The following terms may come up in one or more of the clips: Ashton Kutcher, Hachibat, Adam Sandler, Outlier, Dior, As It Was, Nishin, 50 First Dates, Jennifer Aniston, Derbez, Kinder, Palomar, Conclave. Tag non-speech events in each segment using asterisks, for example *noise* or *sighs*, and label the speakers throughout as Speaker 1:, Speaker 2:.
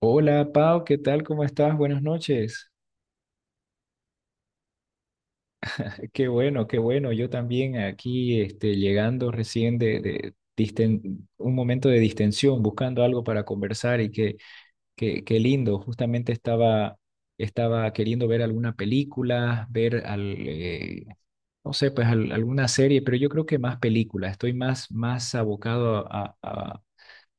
Speaker 1: Hola Pau, ¿qué tal? ¿Cómo estás? Buenas noches. *laughs* Qué bueno, qué bueno. Yo también aquí llegando recién de un momento de distensión, buscando algo para conversar y qué lindo. Justamente estaba queriendo ver alguna película, no sé, pues alguna serie, pero yo creo que más película. Estoy más abocado a, a- a-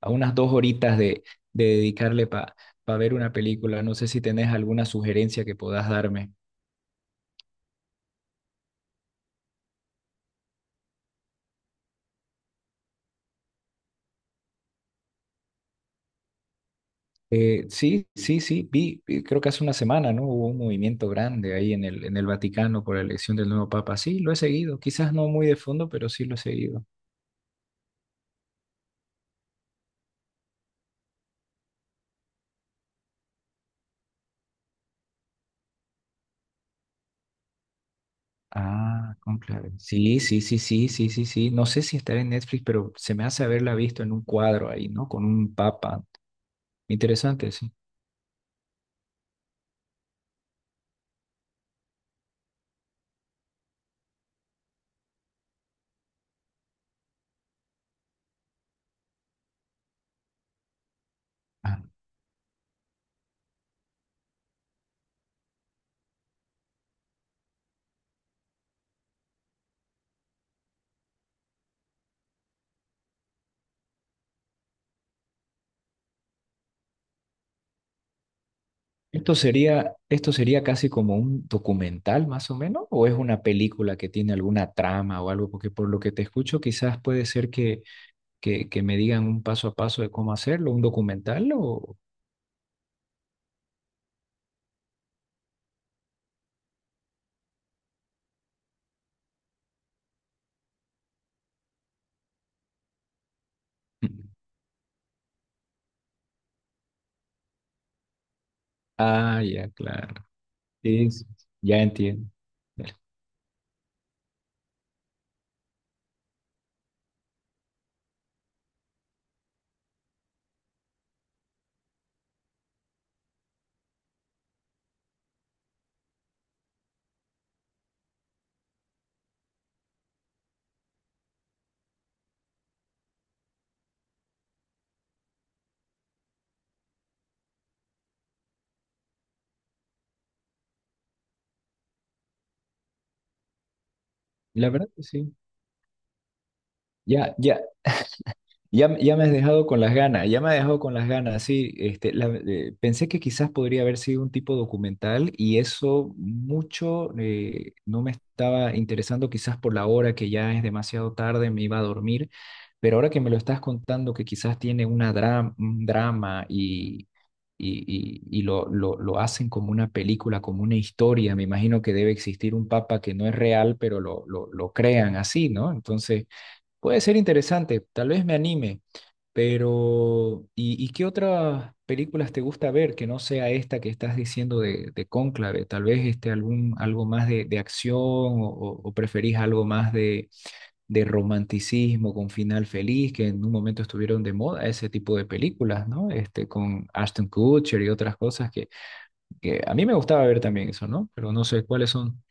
Speaker 1: a unas dos horitas de dedicarle para pa ver una película. No sé si tenés alguna sugerencia que puedas darme. Sí, sí, sí, vi, creo que hace una semana, ¿no? Hubo un movimiento grande ahí en el Vaticano por la elección del nuevo Papa. Sí, lo he seguido, quizás no muy de fondo, pero sí lo he seguido. Ah, conclave. Sí, sí, sí, sí, sí, sí, sí. No sé si estará en Netflix, pero se me hace haberla visto en un cuadro ahí, ¿no? Con un papa. Interesante, sí. ¿Esto sería casi como un documental más o menos? ¿O es una película que tiene alguna trama o algo? Porque por lo que te escucho quizás puede ser que me digan un paso a paso de cómo hacerlo, un documental o. *laughs* Ah, ya, claro. Sí, sí, sí, ya entiendo. La verdad que sí. Ya, ya, ya, ya me has dejado con las ganas, ya me ha dejado con las ganas, sí. Pensé que quizás podría haber sido un tipo documental y eso mucho no me estaba interesando quizás por la hora que ya es demasiado tarde, me iba a dormir, pero ahora que me lo estás contando que quizás tiene una un drama y lo hacen como una película, como una historia, me imagino que debe existir un papa que no es real, pero lo crean así, ¿no? Entonces. Puede ser interesante, tal vez me anime. Pero, ¿y qué otras películas te gusta ver que no sea esta que estás diciendo de Cónclave? Tal vez algo más de acción o preferís algo más de romanticismo con final feliz, que en un momento estuvieron de moda ese tipo de películas, ¿no? Con Ashton Kutcher y otras cosas que a mí me gustaba ver también eso, ¿no? Pero no sé cuáles son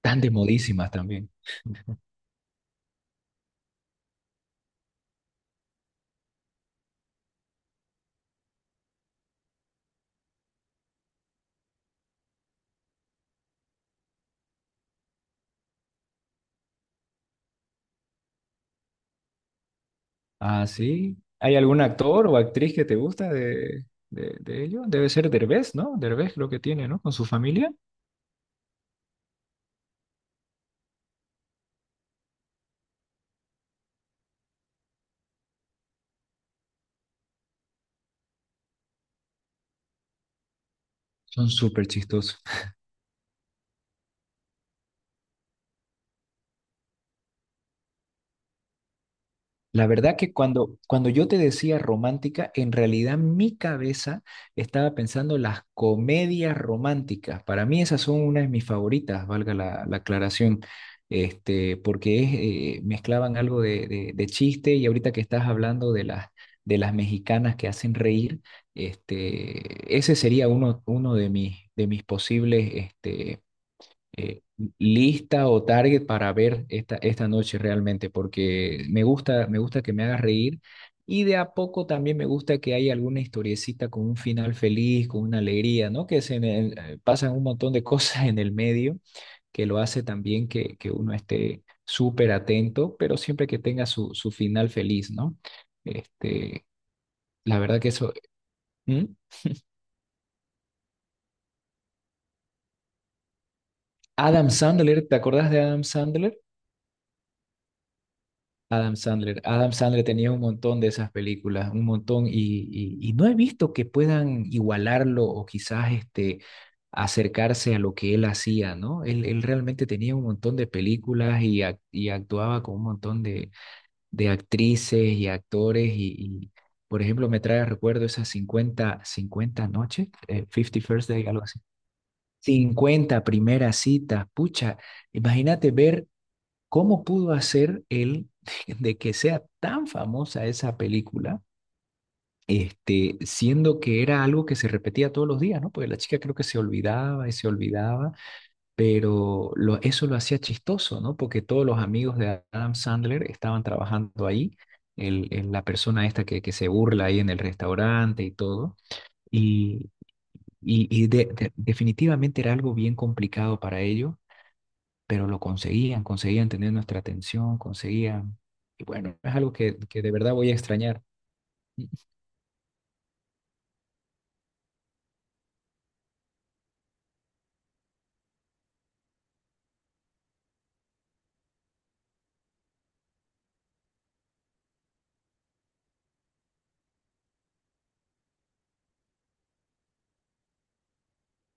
Speaker 1: tan de modísimas también. Ah, sí. ¿Hay algún actor o actriz que te gusta de ello? Debe ser Derbez, ¿no? Derbez creo que tiene, ¿no? Con su familia. Son súper chistosos. La verdad que cuando yo te decía romántica, en realidad mi cabeza estaba pensando las comedias románticas. Para mí esas son una de mis favoritas, valga la aclaración, porque es, mezclaban algo de chiste y ahorita que estás hablando de las mexicanas que hacen reír, ese sería uno de mis posibles, eh, lista o target para ver esta noche realmente, porque me gusta que me haga reír y de a poco también me gusta que haya alguna historiecita con un final feliz, con una alegría, ¿no? Que se en pasan un montón de *laughs* cosas en el medio que lo hace también que uno esté súper atento, pero siempre que tenga su final feliz, ¿no? Este, la verdad que eso. ¿Mm? Adam Sandler, ¿te acordás de Adam Sandler? Adam Sandler. Adam Sandler tenía un montón de esas películas, un montón, y no he visto que puedan igualarlo o quizás acercarse a lo que él hacía, ¿no? Él realmente tenía un montón de películas y actuaba con un montón de actrices y actores y, por ejemplo, me trae a recuerdo esas 50 50 noches, 50 First Day, algo así. Cincuenta primeras citas, pucha, imagínate ver. ¿Cómo pudo hacer él de que sea tan famosa esa película, siendo que era algo que se repetía todos los días, ¿no? Porque la chica creo que se olvidaba y se olvidaba, pero eso lo hacía chistoso, ¿no? Porque todos los amigos de Adam Sandler estaban trabajando ahí, la persona esta que se burla ahí en el restaurante y todo, y, y definitivamente era algo bien complicado para ellos, pero lo conseguían, conseguían tener nuestra atención, conseguían. Y bueno, es algo que de verdad voy a extrañar.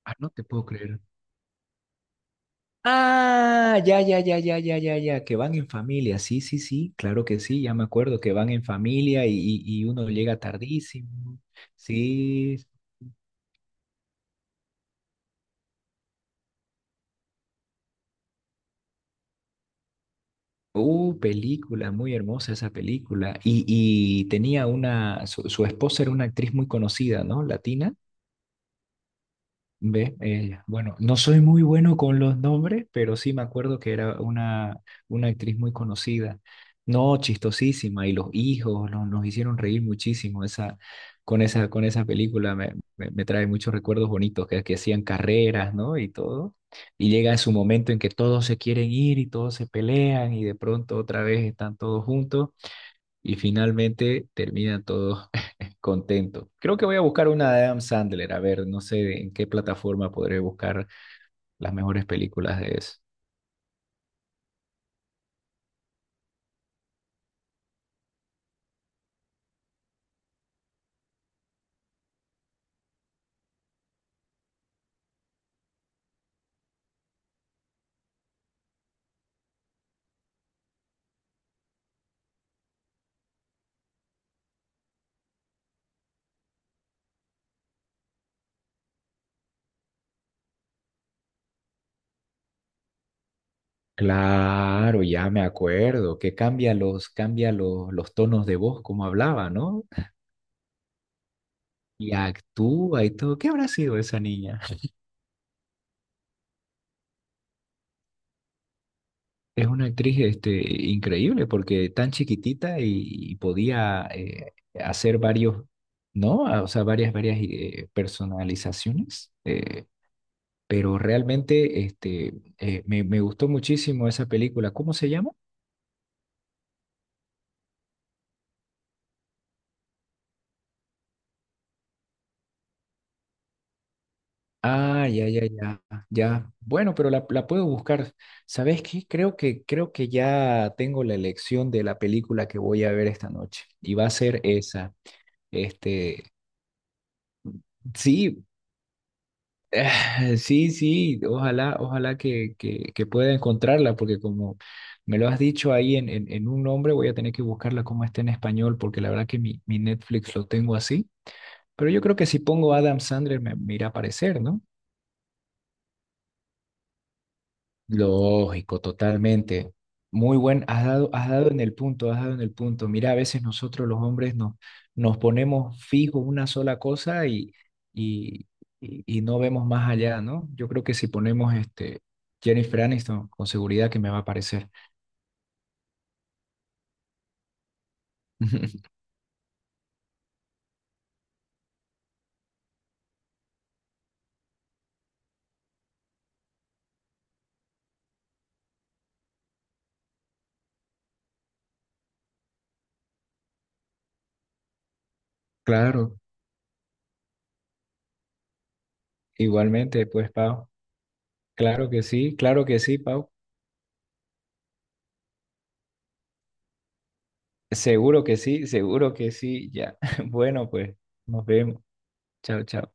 Speaker 1: Ah, no te puedo creer. Ah, ya, ya, ya, ya, ya, ya, ya, que van en familia, sí, sí, sí, claro que sí, ya me acuerdo que van en familia y uno llega tardísimo, sí, película, muy hermosa esa película, y tenía su esposa era una actriz muy conocida, ¿no? Latina. Ve, bueno, no soy muy bueno con los nombres, pero sí me acuerdo que era una actriz muy conocida, no chistosísima, y los hijos nos hicieron reír muchísimo esa, con esa película, me trae muchos recuerdos bonitos, que hacían carreras, ¿no? Y todo, y llega su momento en que todos se quieren ir y todos se pelean y de pronto otra vez están todos juntos y finalmente terminan todos *laughs* contentos. Creo que voy a buscar una de Adam Sandler. A ver, no sé en qué plataforma podré buscar las mejores películas de eso. Claro, ya me acuerdo, que cambia los tonos de voz como hablaba, ¿no? Y actúa y todo. ¿Qué habrá sido esa niña? Es una actriz increíble porque tan chiquitita y podía hacer varios, ¿no? Ah, o sea, varias, varias personalizaciones. Pero realmente me gustó muchísimo esa película. ¿Cómo se llama? Ah, ya, ya, ya, ya. Bueno, pero la puedo buscar. ¿Sabes qué? Creo que ya tengo la elección de la película que voy a ver esta noche. Y va a ser esa. Este, sí, *sighs* sí, sí. Ojalá que pueda encontrarla, porque como me lo has dicho ahí en un nombre, voy a tener que buscarla como está en español, porque la verdad que mi Netflix lo tengo así. Pero yo creo que si pongo Adam Sandler me irá a aparecer, ¿no? Lógico, totalmente. Muy buen, has dado en el punto, has dado en el punto. Mira, a veces nosotros los hombres nos ponemos fijos una sola cosa y, y no vemos más allá, ¿no? Yo creo que si ponemos Jennifer Aniston, con seguridad que me va a aparecer. *laughs* Claro, igualmente, pues, Pau. Claro que sí, Pau. Seguro que sí, ya. *laughs* Bueno, pues, nos vemos. Chao, chao.